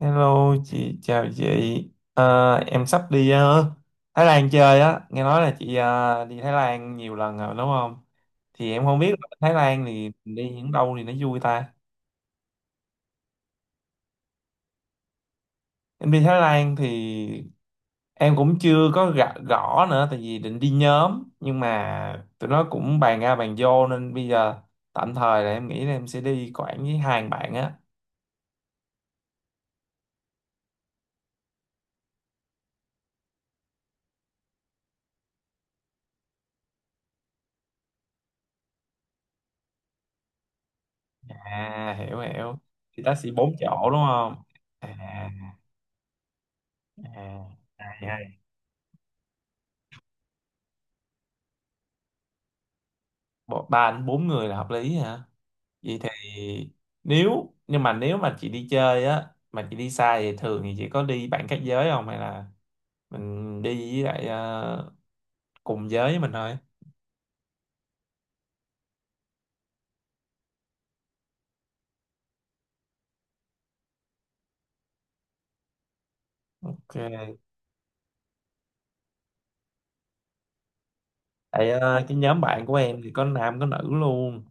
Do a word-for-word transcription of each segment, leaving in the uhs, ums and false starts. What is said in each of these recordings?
Hello chị, chào chị. Ờ, em sắp đi ờ, Thái Lan chơi á. Nghe nói là chị ờ, đi Thái Lan nhiều lần rồi đúng không? Thì em không biết là Thái Lan thì mình đi những đâu thì nó vui ta. Em đi Thái Lan thì em cũng chưa có gõ, gõ nữa, tại vì định đi nhóm nhưng mà tụi nó cũng bàn ra bàn vô nên bây giờ tạm thời là em nghĩ là em sẽ đi Quảng với hai bạn á. À, hiểu hiểu. Thì taxi bốn chỗ đúng không? À, à. À. À. Bộ- ba đến bốn người là hợp lý hả? Vậy thì nếu nhưng mà nếu mà chị đi chơi á mà chị đi xa thì thường thì chị có đi bạn khác giới không hay là mình đi với lại ờ, cùng giới với mình thôi? Ok. Tại ờ, cái nhóm bạn của em thì có nam có nữ luôn,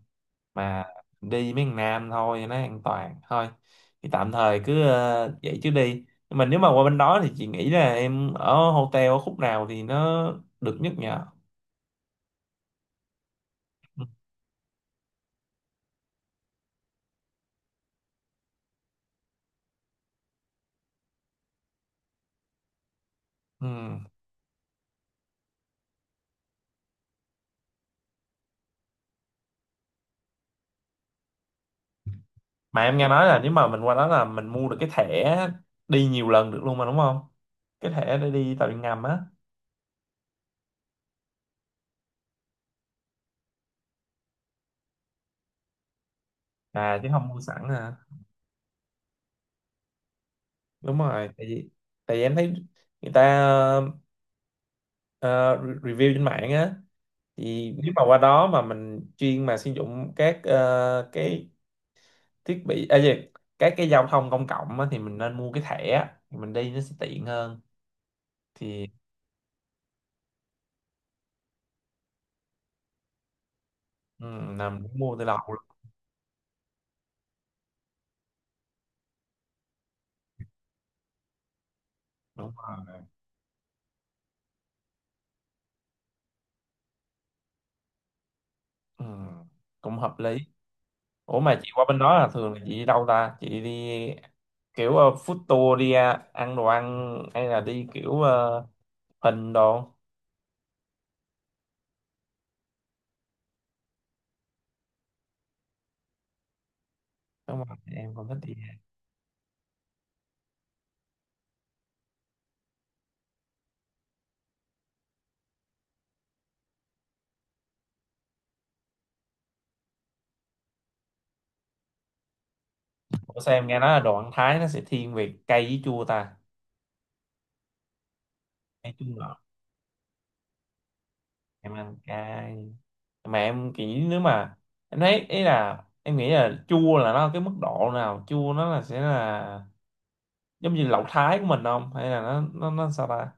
mà đi mấy thằng nam thôi cho nó an toàn thôi. Thì tạm thời cứ ờ, vậy chứ đi, nhưng mà nếu mà qua bên đó thì chị nghĩ là em ở hotel ở khúc nào thì nó được nhất nhờ? Ừ. Mà em nghe nói là nếu mà mình qua đó là mình mua được cái thẻ đi nhiều lần được luôn mà đúng không, cái thẻ để đi tàu điện ngầm á? À chứ không mua sẵn à? Đúng rồi, tại vì tại vì em thấy người ta ờ, review trên mạng á, thì nếu mà qua đó mà mình chuyên mà sử dụng các ờ, cái thiết bị à, gì các cái giao thông công cộng á, thì mình nên mua cái thẻ thì mình đi nó sẽ tiện hơn thì. Ừ, là mình cũng mua từ đầu luôn. Đúng rồi. Ừ, cũng hợp lý. Ủa mà chị qua bên đó là thường là chị đi đâu ta? Chị đi kiểu ờ, food tour đi à, ăn đồ ăn hay là đi kiểu ờ, hình đồ? Đúng rồi, em cũng thích đi. Ủa sao em nghe nói là đồ ăn Thái nó sẽ thiên về cay với chua ta? Cay chua ngọt, em ăn cay. Mà em nghĩ nếu mà em thấy ý là em nghĩ là chua là nó ở cái mức độ nào? Chua nó là sẽ là giống như lẩu Thái của mình không? Hay là nó nó nó sao ta?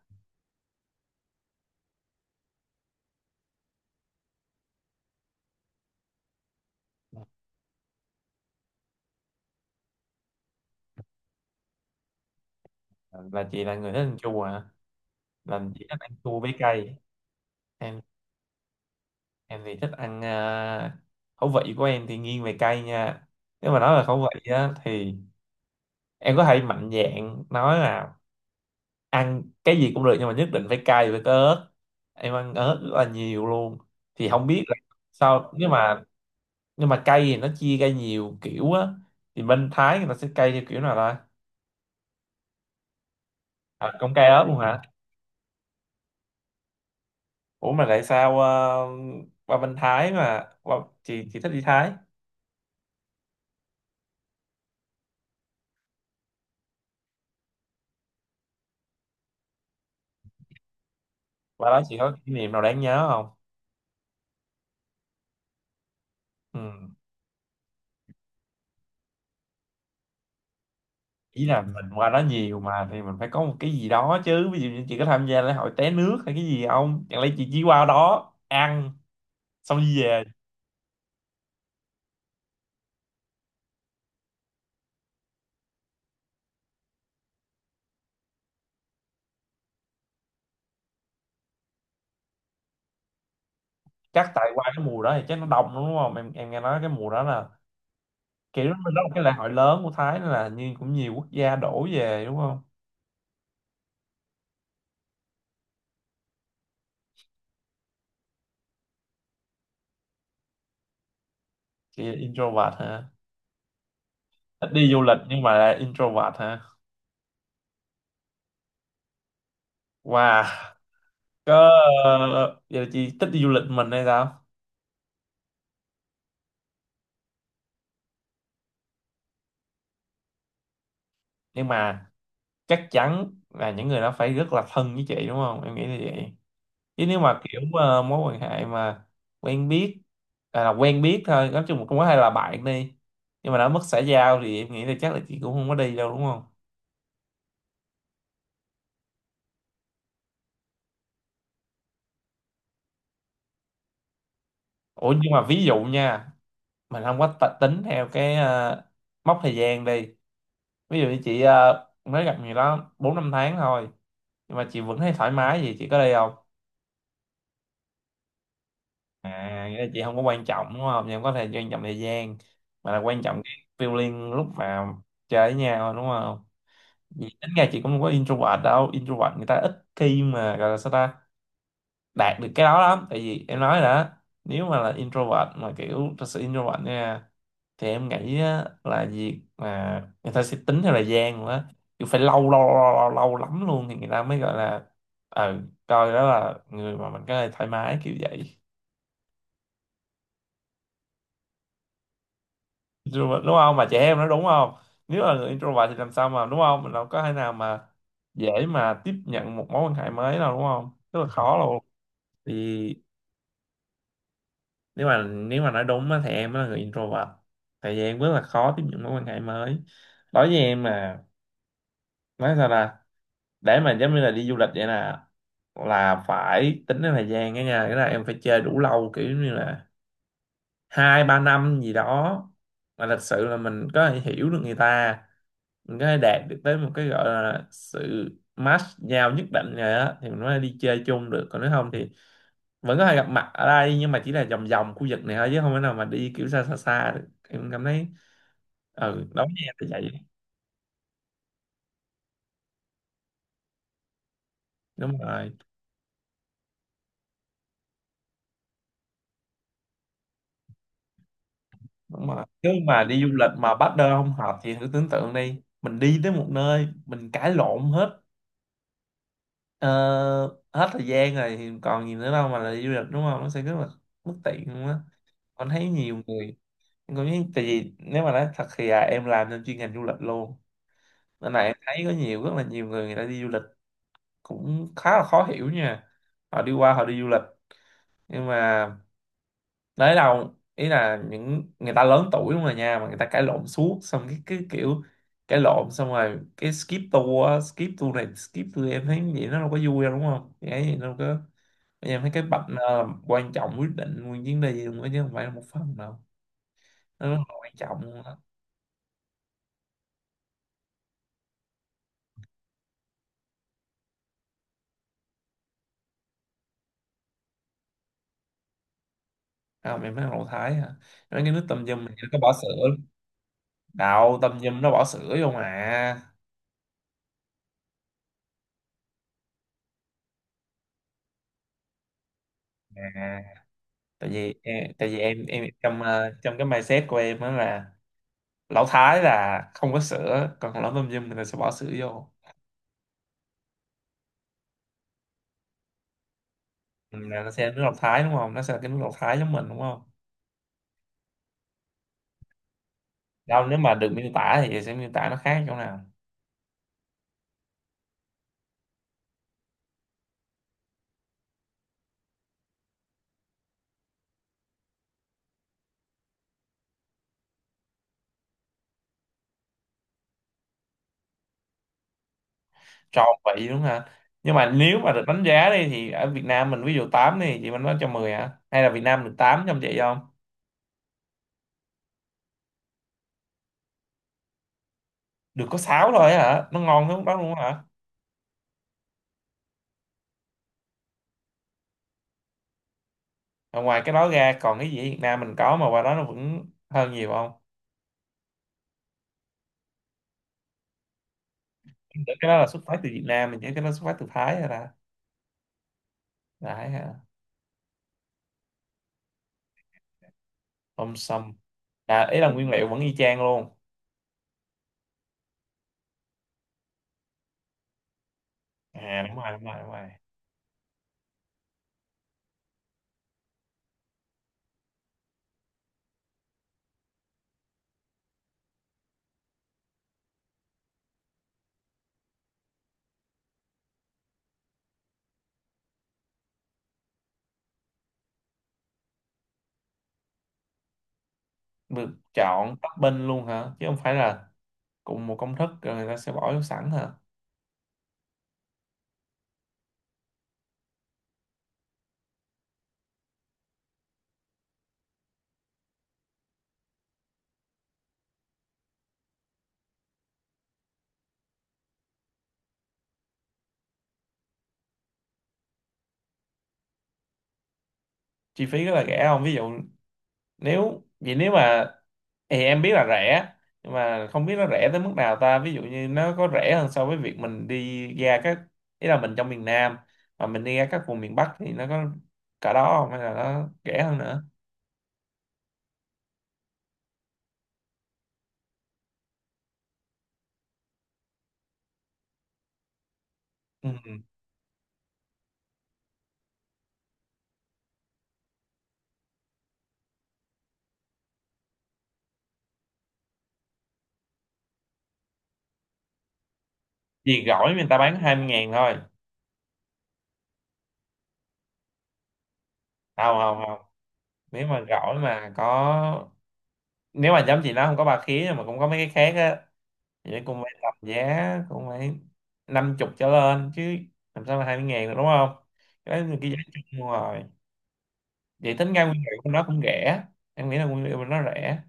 Là chị là người thích ăn chua hả? Là chị thích ăn chua với cay. Em thì thích ăn ờ, khẩu vị của em thì nghiêng về cay nha. Nếu mà nói về khẩu vị á thì em có thể mạnh dạn nói là ăn cái gì cũng được, nhưng mà nhất định phải cay với cái ớt, em ăn ớt rất là nhiều luôn. Thì không biết là sao, nhưng mà nhưng mà cay thì nó chia ra nhiều kiểu á, thì bên Thái người ta sẽ cay theo kiểu nào ta? À, cũng cay ớt luôn hả? Ủa mà tại sao ờ, qua bên Thái mà qua, chị chị thích đi Thái? Qua đó chị có kỷ niệm nào đáng nhớ không? Ừ, ý là mình qua đó nhiều mà thì mình phải có một cái gì đó chứ, ví dụ như chị có tham gia lễ hội té nước hay cái gì không, chẳng lẽ chị chỉ qua đó ăn xong đi về? Chắc tại qua cái mùa đó thì chắc nó đông lắm, đúng không, em em nghe nói cái mùa đó là kiểu nó là cái lễ hội lớn của Thái nên là như cũng nhiều quốc gia đổ về đúng không? Chị là introvert hả? Thích đi du lịch nhưng mà là introvert hả? Wow. Có giờ chị thích đi du lịch mình hay sao? Nhưng mà chắc chắn là những người đó phải rất là thân với chị đúng không, em nghĩ như vậy. Chứ nếu mà kiểu ờ, mối quan hệ mà quen biết, à, là quen biết thôi, nói chung là cũng có hay là bạn đi nhưng mà đã mất xã giao thì em nghĩ là chắc là chị cũng không có đi đâu đúng không? Ủa nhưng mà ví dụ nha, mình không có t- tính theo cái ờ, mốc thời gian đi, ví dụ như chị ờ, mới gặp người đó bốn năm tháng thôi nhưng mà chị vẫn thấy thoải mái gì, chị có đi không? À nghĩa là chị không có quan trọng đúng không, chị không có thể quan trọng thời gian mà là quan trọng cái feeling lúc mà chơi với nhau đúng không? Vì tính ra chị cũng không có introvert đâu, introvert người ta ít khi mà gọi là sao ta, đạt được cái đó lắm, tại vì em nói rồi đó, nếu mà là introvert mà kiểu thật sự introvert nha thì em nghĩ á, là việc mà người ta sẽ tính theo thời gian nữa, kiểu phải lâu lâu lâu lâu, lâu lắm luôn thì người ta mới gọi là ờ coi đó là người mà mình có thể thoải mái kiểu vậy. Introvert đúng không mà chị, em nói đúng không? Nếu là người introvert thì làm sao mà, đúng không, mình đâu có thể nào mà dễ mà tiếp nhận một mối quan hệ mới nào đúng không, rất là khó luôn. Thì nếu mà nếu mà nói đúng á, thì em là người introvert, tại vì em rất là khó tiếp nhận mối quan hệ mới. Đối với em mà nói sao là, để mà giống như là đi du lịch vậy nè, là phải tính đến thời gian đó nha, cái là em phải chơi đủ lâu, kiểu như là hai ba năm gì đó, mà thật sự là mình có thể hiểu được người ta, mình có thể đạt được tới một cái gọi là sự match nhau nhất định rồi á thì mình mới đi chơi chung được, còn nếu không thì vẫn có thể gặp mặt ở đây nhưng mà chỉ là vòng vòng khu vực này thôi chứ không thể nào mà đi kiểu xa xa xa được em cảm thấy. Ừ đó nha, là vậy. Đúng rồi. Đúng rồi, nếu mà đi du lịch mà partner không hợp thì thử tưởng tượng đi, mình đi tới một nơi mình cãi lộn hết ờ, hết thời gian rồi thì còn gì nữa đâu mà là đi du lịch đúng không, nó sẽ rất là bất tiện luôn á. Con thấy nhiều người, em cũng thấy- tại vì nếu mà nói thật thì à, em làm trong chuyên ngành du lịch luôn, nên là em thấy có nhiều rất là nhiều người người ta đi du lịch cũng khá là khó hiểu nha. Họ đi qua họ đi du lịch nhưng mà đấy đâu, ý là những người ta lớn tuổi đúng rồi nha, mà người ta cãi lộn suốt, xong cái cái kiểu cãi lộn xong rồi cái skip tour á, skip tour này skip tour em thấy vậy nó đâu có vui đâu đúng không, cái gì đâu có. Em thấy cái bạch nơ là quan trọng quyết định nguyên chuyến đi luôn á chứ không phải là một phần đâu, nó rất là quan trọng luôn á. Không em thấy là Thái hả, mấy cái nước tâm dâm này nó có bỏ sữa, đạo tâm dâm nó bỏ sữa vô mà. À, tại vì em, tại vì em em trong ờ, trong cái mindset của em đó là lão Thái là không có sữa còn lão tôm dâm người ta sẽ bỏ sữa vô. Ừ, là nó sẽ là nước lọc Thái đúng không, nó sẽ là cái nước lọc Thái giống mình đúng không? Đâu nếu mà được miêu tả thì sẽ miêu tả nó khác chỗ nào? Tròn vị đúng không hả? Nhưng mà nếu mà được đánh giá đi thì ở Việt Nam mình ví dụ tám đi chị, mình nói cho mười hả hay là Việt Nam được tám trong vậy không? Được có sáu thôi hả, nó ngon hơn lúc đó luôn hả? Và ngoài cái đó ra còn cái gì Việt Nam mình có mà qua đó nó vẫn hơn nhiều không? Cái đó là xuất phát từ Việt Nam mình nhớ, cái đó xuất phát từ Thái rồi ta? Thái hả? Tôm sâm là ý là nguyên liệu vẫn y chang luôn? À đúng rồi, đúng rồi, đúng rồi. Được chọn topping luôn hả chứ không phải là cùng một công thức rồi người ta sẽ bỏ vô sẵn hả? Chi phí rất là rẻ không, ví dụ nếu vậy, nếu mà thì em biết là rẻ, nhưng mà không biết nó rẻ tới mức nào ta, ví dụ như nó có rẻ hơn so với việc mình đi ra các, ý là mình trong miền Nam mà mình đi ra các vùng miền Bắc thì nó có cả đó không hay là nó rẻ hơn nữa? Ừ. Vì gỏi người ta bán hai mươi ngàn thôi? Không không không Nếu mà gỏi mà có, nếu mà giống chị nó không có ba khía mà cũng có mấy cái khác á thì cũng phải tầm giá cũng phải năm chục trở lên chứ, làm sao mà hai mươi ngàn được đúng không, cái đó là cái giá chung rồi. Vậy tính ra nguyên liệu của nó cũng rẻ, em nghĩ là nguyên liệu của nó rẻ.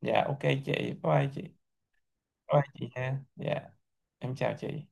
Dạ ok, chị bye bye chị. Bye bye chị ha, dạ em chào chị.